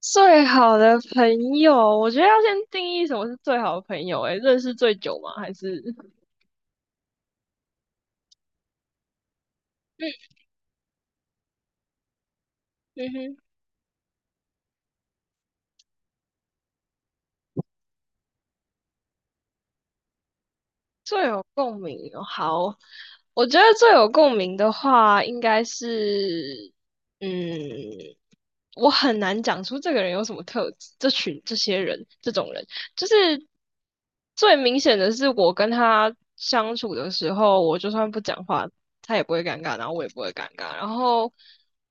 最好的朋友，我觉得要先定义什么是最好的朋友、欸。诶，认识最久吗？还是，嗯，嗯哼，最有共鸣哦？好，我觉得最有共鸣的话，应该是嗯，我很难讲出这个人有什么特质，这群这些人这种人，就是最明显的是我跟他相处的时候，我就算不讲话，他也不会尴尬，然后我也不会尴尬，然后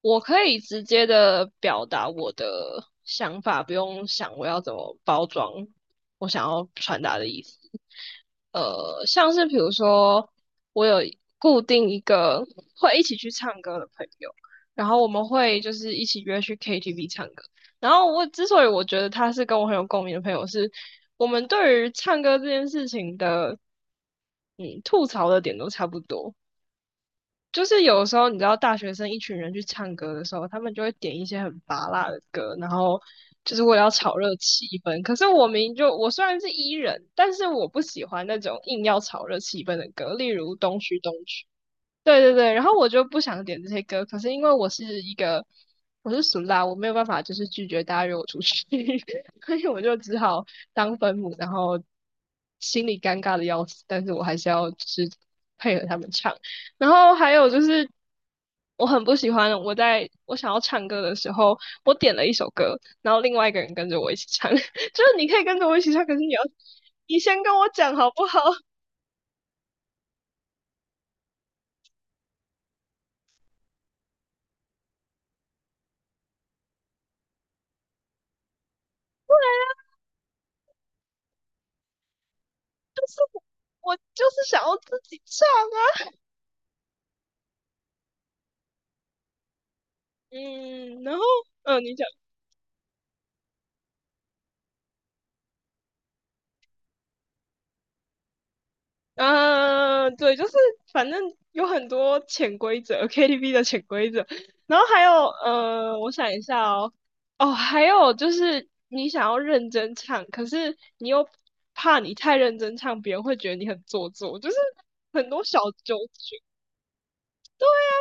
我可以直接的表达我的想法，不用想我要怎么包装我想要传达的意思。像是比如说，我有固定一个会一起去唱歌的朋友。然后我们会就是一起约去 KTV 唱歌。然后我之所以我觉得他是跟我很有共鸣的朋友是，我们对于唱歌这件事情的，吐槽的点都差不多。就是有时候你知道，大学生一群人去唱歌的时候，他们就会点一些很拔辣的歌，然后就是为了要炒热气氛。可是我明明就我虽然是 E 人，但是我不喜欢那种硬要炒热气氛的歌，例如《东区东区》。对对对，然后我就不想点这些歌，可是因为我是俗啦，我没有办法就是拒绝大家约我出去，所以我就只好当分母，然后心里尴尬的要死，但是我还是要就是配合他们唱。然后还有就是我很不喜欢我在我想要唱歌的时候，我点了一首歌，然后另外一个人跟着我一起唱，就是你可以跟着我一起唱，可是你先跟我讲好不好？我就是想要自己唱啊。嗯，然后，嗯，你讲，嗯，对，就是反正有很多潜规则，KTV 的潜规则，然后还有，我想一下哦。哦，还有就是你想要认真唱，可是你又怕你太认真唱，别人会觉得你很做作，就是很多小纠结。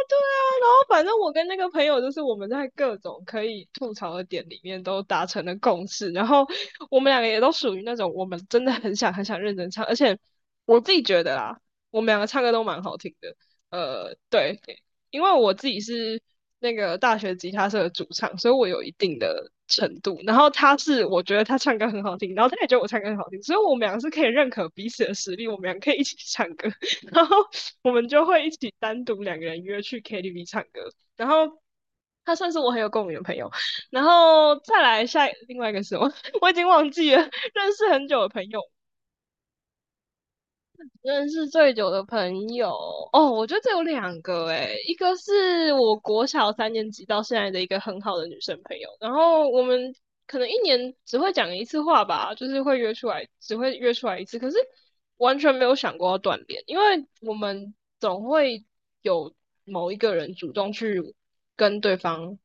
对啊，然后反正我跟那个朋友就是我们在各种可以吐槽的点里面都达成了共识，然后我们两个也都属于那种我们真的很想很想认真唱，而且我自己觉得啦，我们两个唱歌都蛮好听的。对，因为我自己是那个大学吉他社的主唱，所以我有一定的程度。然后他是我觉得他唱歌很好听，然后他也觉得我唱歌很好听，所以我们两个是可以认可彼此的实力，我们两个可以一起唱歌。然后我们就会一起单独两个人约去 KTV 唱歌，然后他算是我很有共鸣的朋友，然后再来下另外一个是我，我已经忘记了认识很久的朋友，认识最久的朋友哦，我觉得这有两个诶，一个是我国小三年级到现在的一个很好的女生朋友，然后我们可能一年只会讲一次话吧，就是会约出来，只会约出来一次，可是完全没有想过要断联，因为我们总会有某一个人主动去跟对方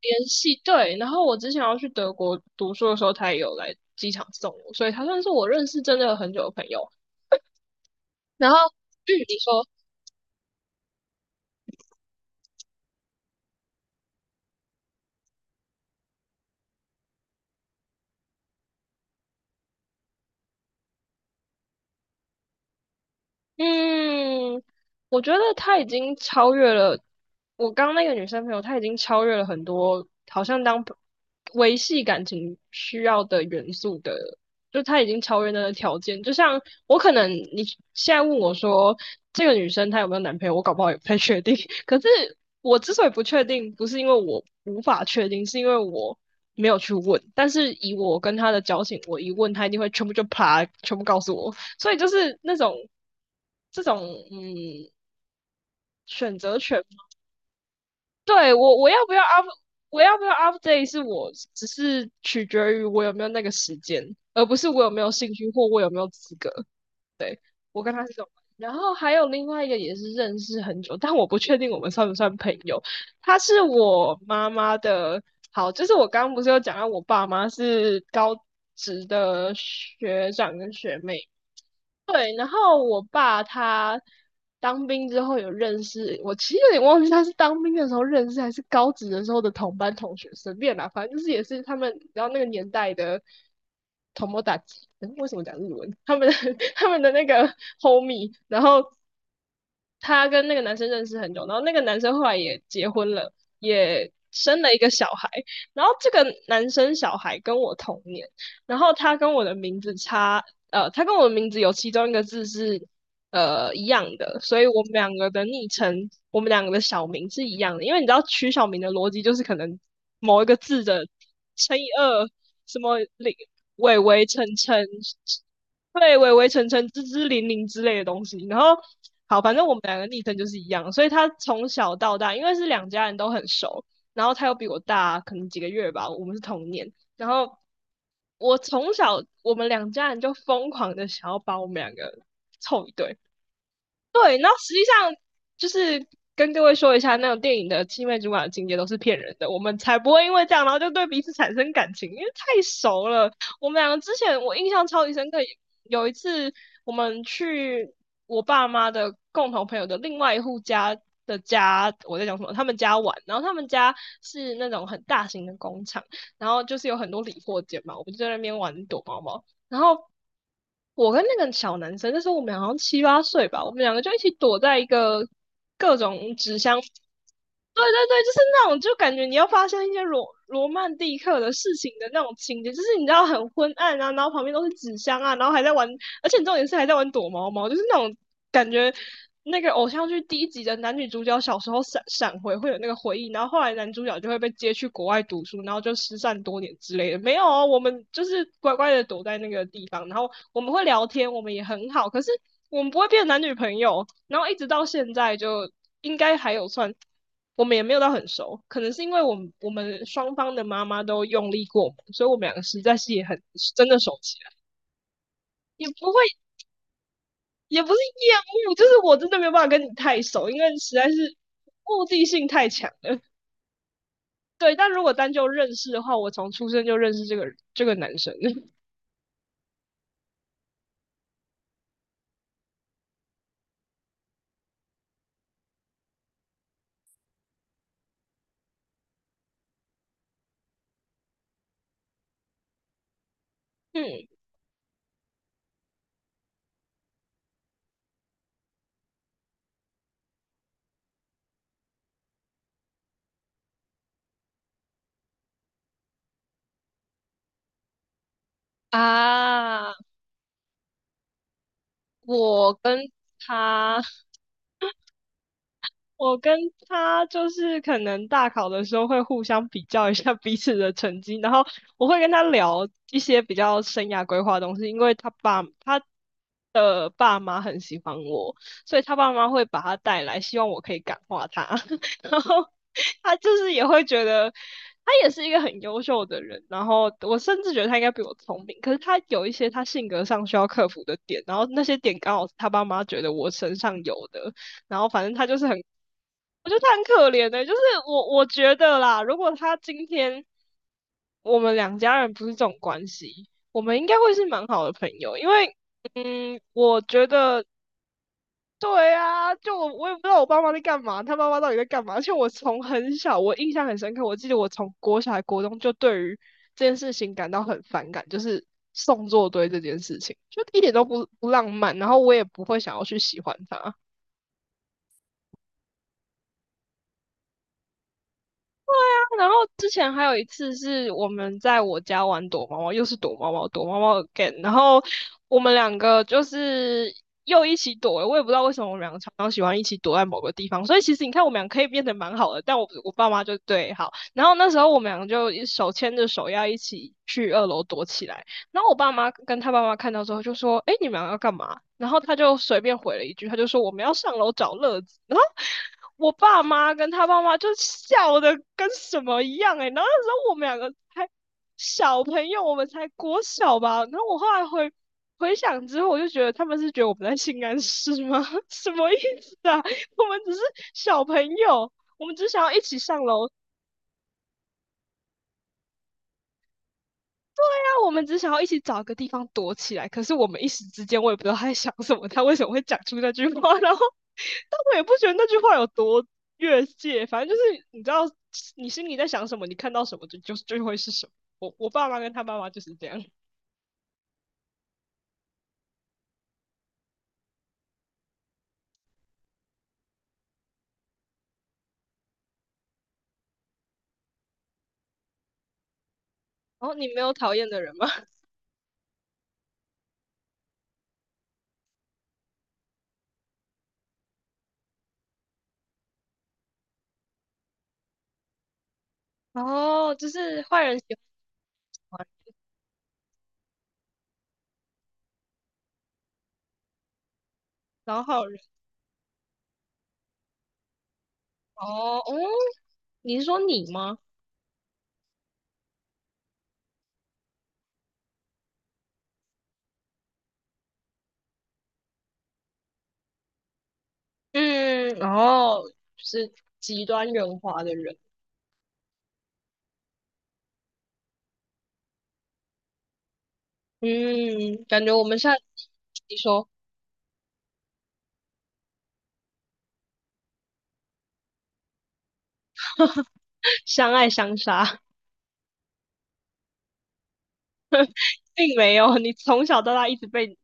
联系，对，然后我之前要去德国读书的时候，他也有来机场送我，所以他算是我认识真的很久的朋友。然后，嗯，你说，嗯，我觉得她已经超越了我刚刚那个女生朋友，她已经超越了很多好像当朋维系感情需要的元素的，就她已经超越那个条件。就像我可能你现在问我说这个女生她有没有男朋友，我搞不好也不太确定。可是我之所以不确定，不是因为我无法确定，是因为我没有去问。但是以我跟她的交情，我一问她一定会全部就啪，全部告诉我。所以就是那种这种嗯选择权，对，我要不要 update 是我只是取决于我有没有那个时间，而不是我有没有兴趣或我有没有资格。我跟他是这种。然后还有另外一个也是认识很久，但我不确定我们算不算朋友。他是我妈妈的，好，就是我刚刚不是有讲到我爸妈是高职的学长跟学妹，对，然后我爸他当兵之后有认识，我其实有点忘记他是当兵的时候认识还是高职的时候的同班同学，随便啦，反正就是也是他们，然后那个年代的同谋打击，诶为什么讲日文？他们的 他们的那个 homie，然后他跟那个男生认识很久，然后那个男生后来也结婚了，也生了一个小孩，然后这个男生小孩跟我同年，然后他跟我的名字有其中一个字是一样的，所以我们两个的昵称，我们两个的小名是一样的。因为你知道取小名的逻辑就是可能某一个字的乘以二，什么零伟伟成成，对，伟伟成成，支支零零之类的东西。然后好，反正我们两个昵称就是一样，所以他从小到大，因为是两家人都很熟，然后他又比我大可能几个月吧，我们是同年。然后我从小我们两家人就疯狂的想要把我们两个凑一对，对，然后实际上就是跟各位说一下，那种电影的青梅竹马的情节都是骗人的，我们才不会因为这样，然后就对彼此产生感情，因为太熟了。我们两个之前我印象超级深刻，有一次我们去我爸妈的共同朋友的另外一户家的家，我在讲什么？他们家玩，然后他们家是那种很大型的工厂，然后就是有很多理货间嘛，我们就在那边玩躲猫猫。然后我跟那个小男生，那时候我们好像七八岁吧，我们两个就一起躲在一个各种纸箱。对对对，就是那种，就感觉你要发生一些罗曼蒂克的事情的那种情节，就是你知道很昏暗啊，然后旁边都是纸箱啊，然后还在玩，而且重点是还在玩躲猫猫，就是那种。感觉那个偶像剧第一集的男女主角小时候闪闪回会有那个回忆，然后后来男主角就会被接去国外读书，然后就失散多年之类的。没有啊，我们就是乖乖的躲在那个地方，然后我们会聊天，我们也很好，可是我们不会变男女朋友。然后一直到现在就应该还有算，我们也没有到很熟，可能是因为我们双方的妈妈都用力过猛，所以我们两个实在是也很真的熟起来，也不会也不是厌恶，就是我真的没有办法跟你太熟，因为实在是目的性太强了。对，但如果单就认识的话，我从出生就认识这个男生了。嗯啊，我跟他我跟他就是可能大考的时候会互相比较一下彼此的成绩，然后我会跟他聊一些比较生涯规划的东西，因为他的爸妈很喜欢我，所以他爸妈会把他带来，希望我可以感化他，然后他就是也会觉得他也是一个很优秀的人，然后我甚至觉得他应该比我聪明，可是他有一些他性格上需要克服的点，然后那些点刚好是他爸妈觉得我身上有的。然后反正他就是很，我觉得他很可怜的、就是我觉得啦，如果他今天我们两家人不是这种关系，我们应该会是蛮好的朋友，因为嗯，我觉得对啊，就我也不知道我爸妈在干嘛，他爸妈到底在干嘛，而且我从很小，我印象很深刻，我记得我从国小还国中就对于这件事情感到很反感，就是送作堆这件事情，就一点都不浪漫，然后我也不会想要去喜欢他。然后之前还有一次是我们在我家玩躲猫猫，又是躲猫猫，躲猫猫 again,然后我们两个就是又一起躲了，我也不知道为什么我们两个常常喜欢一起躲在某个地方，所以其实你看我们俩可以变得蛮好的，但我我爸妈就对好，然后那时候我们两个就手牵着手要一起去2楼躲起来，然后我爸妈跟他爸妈看到之后就说："哎，你们要干嘛？"然后他就随便回了一句，他就说："我们要上楼找乐子。"然后我爸妈跟他爸妈就笑的跟什么一样哎、欸然后那时候我们两个还小朋友，我们才国小吧。然后我后来回想之后，我就觉得他们是觉得我们在性暗示吗？什么意思啊？我们只是小朋友，我们只想要一起上楼那我们只想要一起找个地方躲起来，可是我们一时之间我也不知道他在想什么，他为什么会讲出那句话，然后但我也不觉得那句话有多越界，反正就是你知道你心里在想什么，你看到什么就会是什么。我爸妈跟他爸妈就是这样。然后你没有讨厌的人吗？哦，就是坏人喜欢好然后好人哦哦，你是说你吗？嗯，然后就是极端圆滑的人。嗯，感觉我们下你说。相爱相杀，并没有。你从小到大一直被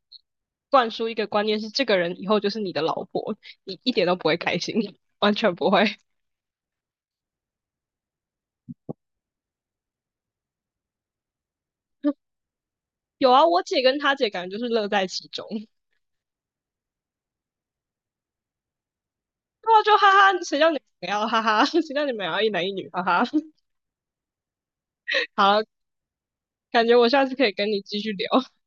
灌输一个观念是，这个人以后就是你的老婆，你一点都不会开心，完全不会。有啊，我姐跟她姐感觉就是乐在其中，然后就哈哈，谁叫你们要哈哈，谁叫你们要一男一女哈哈。好，感觉我下次可以跟你继续聊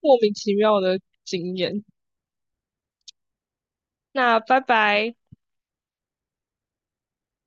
莫名其妙的经验。那拜拜。